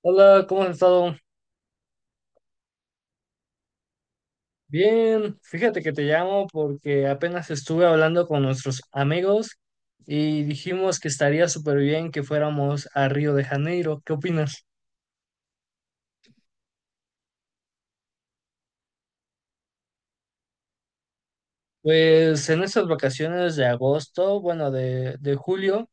Hola, ¿cómo has estado? Bien, fíjate que te llamo porque apenas estuve hablando con nuestros amigos y dijimos que estaría súper bien que fuéramos a Río de Janeiro. ¿Qué opinas? Pues en estas vacaciones de agosto, bueno, de julio,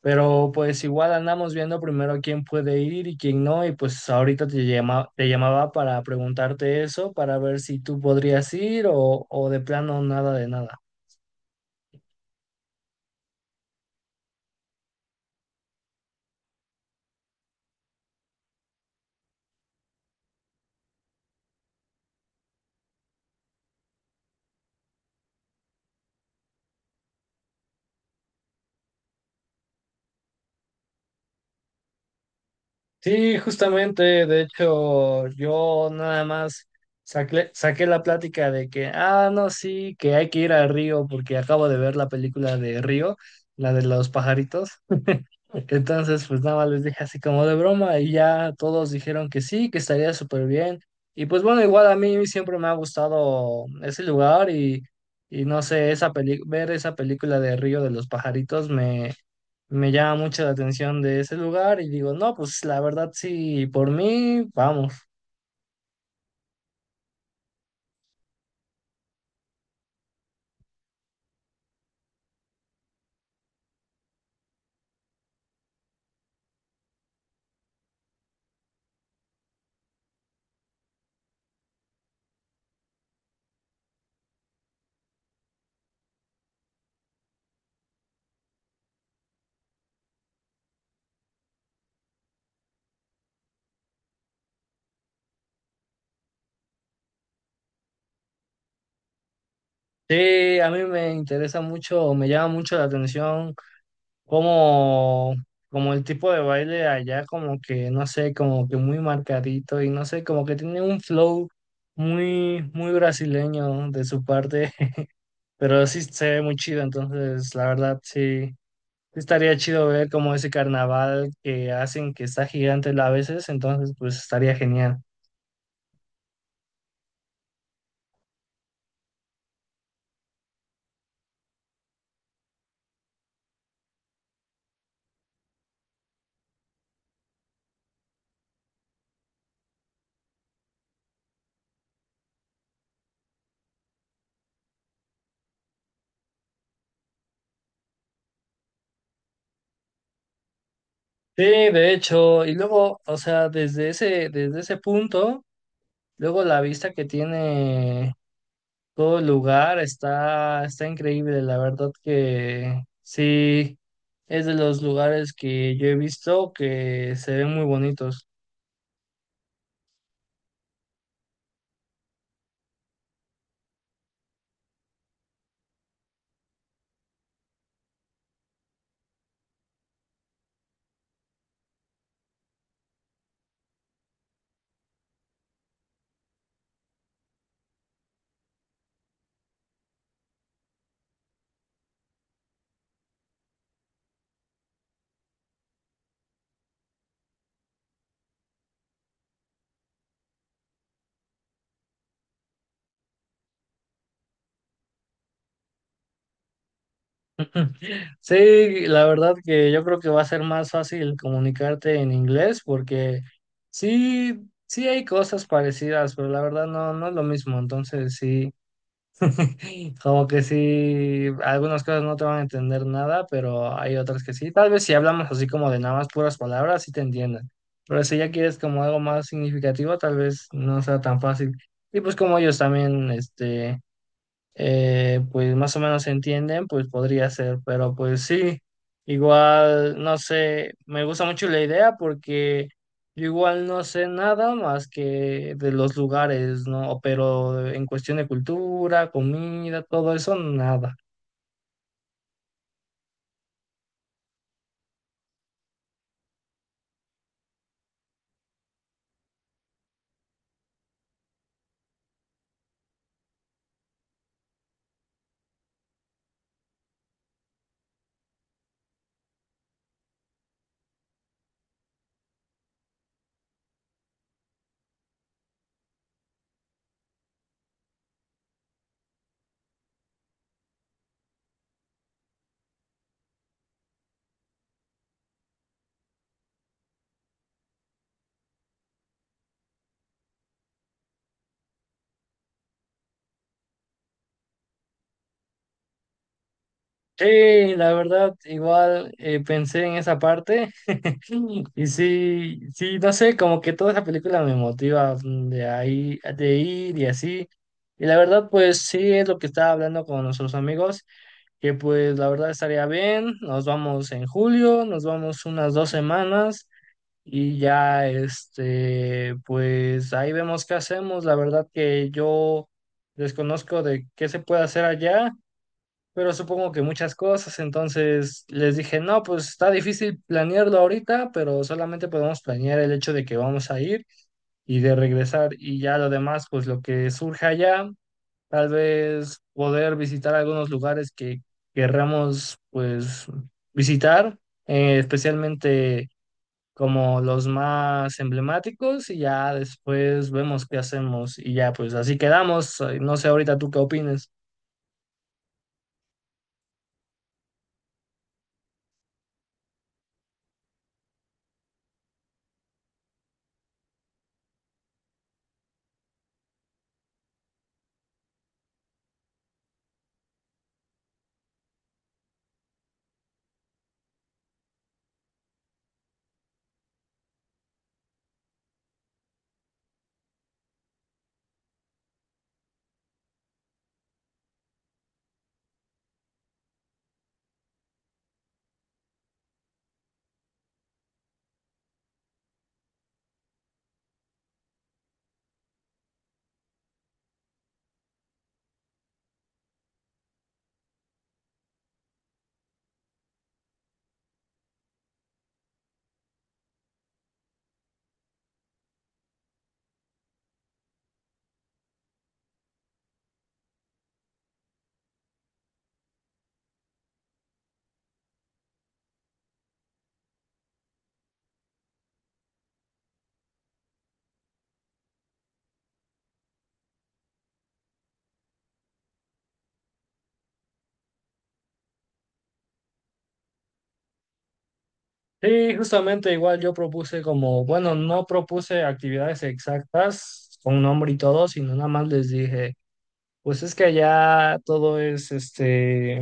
pero pues igual andamos viendo primero quién puede ir y quién no, y pues ahorita te llama, te llamaba para preguntarte eso, para ver si tú podrías ir o de plano nada de nada. Sí, justamente, de hecho, yo nada más saqué la plática de que, ah, no, sí, que hay que ir al río porque acabo de ver la película de Río, la de los pajaritos. Entonces, pues nada más les dije así como de broma y ya todos dijeron que sí, que estaría súper bien. Y pues bueno, igual a mí siempre me ha gustado ese lugar y no sé, esa peli ver esa película de Río de los pajaritos me llama mucho la atención de ese lugar y digo, no, pues la verdad sí, por mí, vamos. Sí, a mí me interesa mucho, o me llama mucho la atención como, como el tipo de baile allá, como que, no sé, como que muy marcadito y no sé, como que tiene un flow muy, muy brasileño de su parte, pero sí se ve muy chido, entonces la verdad sí. Sí, estaría chido ver como ese carnaval que hacen que está gigante a veces, entonces pues estaría genial. Sí, de hecho, y luego, o sea, desde ese punto, luego la vista que tiene todo el lugar está increíble, la verdad que sí, es de los lugares que yo he visto que se ven muy bonitos. Sí, la verdad que yo creo que va a ser más fácil comunicarte en inglés porque sí, sí hay cosas parecidas, pero la verdad no, no es lo mismo, entonces sí. Como que sí, algunas cosas no te van a entender nada, pero hay otras que sí. Tal vez si hablamos así como de nada más puras palabras, sí te entiendan. Pero si ya quieres como algo más significativo, tal vez no sea tan fácil. Y pues como ellos también, este, pues más o menos se entienden, pues podría ser, pero pues sí, igual, no sé, me gusta mucho la idea porque yo igual no sé nada más que de los lugares, ¿no? Pero en cuestión de cultura, comida, todo eso, nada. Sí, la verdad, igual pensé en esa parte. Sí, y sí, sí, no sé, como que toda esa película me motiva de ahí, de ir y así. Y la verdad, pues sí, es lo que estaba hablando con nuestros amigos, que pues la verdad estaría bien, nos vamos en julio, nos vamos unas dos semanas y ya, este, pues ahí vemos qué hacemos. La verdad que yo desconozco de qué se puede hacer allá, pero supongo que muchas cosas, entonces les dije, no, pues está difícil planearlo ahorita, pero solamente podemos planear el hecho de que vamos a ir y de regresar y ya lo demás, pues lo que surja allá, tal vez poder visitar algunos lugares que querramos, pues visitar, especialmente como los más emblemáticos y ya después vemos qué hacemos y ya pues así quedamos, no sé ahorita tú qué opinas. Sí, justamente igual yo propuse como, bueno, no propuse actividades exactas con nombre y todo, sino nada más les dije, pues es que ya todo es, este,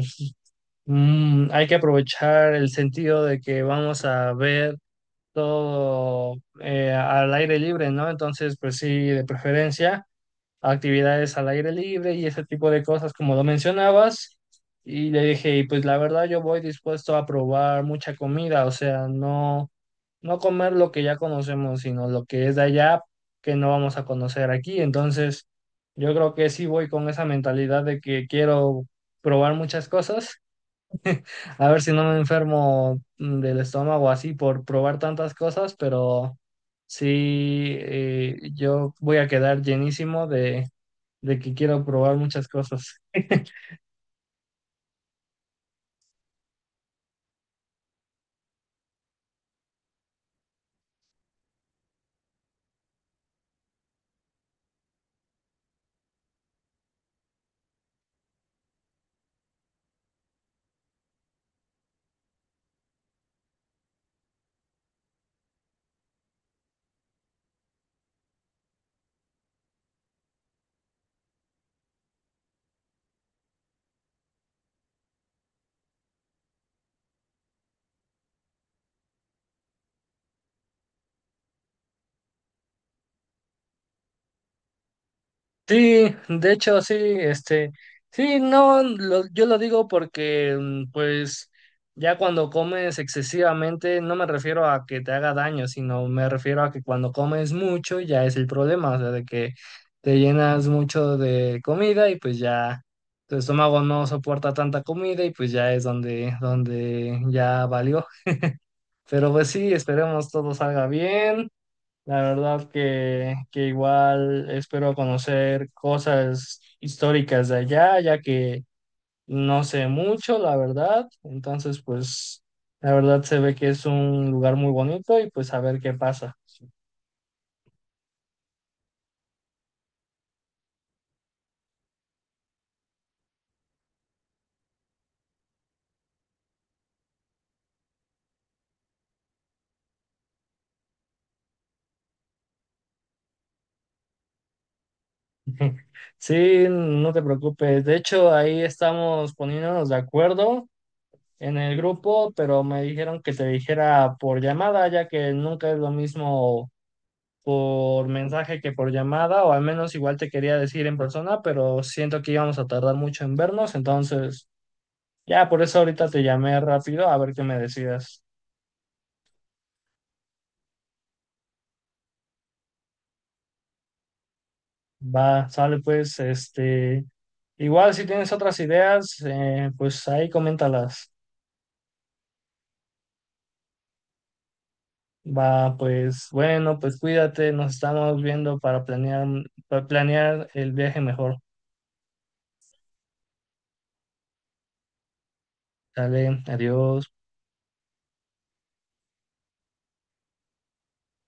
mm, hay que aprovechar el sentido de que vamos a ver todo al aire libre, ¿no? Entonces, pues sí, de preferencia actividades al aire libre y ese tipo de cosas, como lo mencionabas. Y le dije, "Y pues la verdad yo voy dispuesto a probar mucha comida, o sea, no, no comer lo que ya conocemos, sino lo que es de allá que no vamos a conocer aquí. Entonces, yo creo que sí voy con esa mentalidad de que quiero probar muchas cosas, a ver si no me enfermo del estómago así por probar tantas cosas, pero sí, yo voy a quedar llenísimo de que quiero probar muchas cosas. Sí, de hecho, sí, este, sí, no, yo lo digo porque, pues, ya cuando comes excesivamente, no me refiero a que te haga daño, sino me refiero a que cuando comes mucho ya es el problema, o sea, de que te llenas mucho de comida y pues ya tu estómago no soporta tanta comida y pues ya es donde, donde ya valió. Pero pues sí, esperemos todo salga bien. La verdad que igual espero conocer cosas históricas de allá, ya que no sé mucho, la verdad. Entonces, pues, la verdad se ve que es un lugar muy bonito y pues a ver qué pasa. Sí, no te preocupes. De hecho, ahí estamos poniéndonos de acuerdo en el grupo, pero me dijeron que te dijera por llamada, ya que nunca es lo mismo por mensaje que por llamada, o al menos igual te quería decir en persona, pero siento que íbamos a tardar mucho en vernos, entonces ya por eso ahorita te llamé rápido a ver qué me decidas. Va, sale pues, este, igual si tienes otras ideas, pues ahí coméntalas. Va, pues bueno, pues cuídate, nos estamos viendo para planear el viaje mejor. Dale, adiós.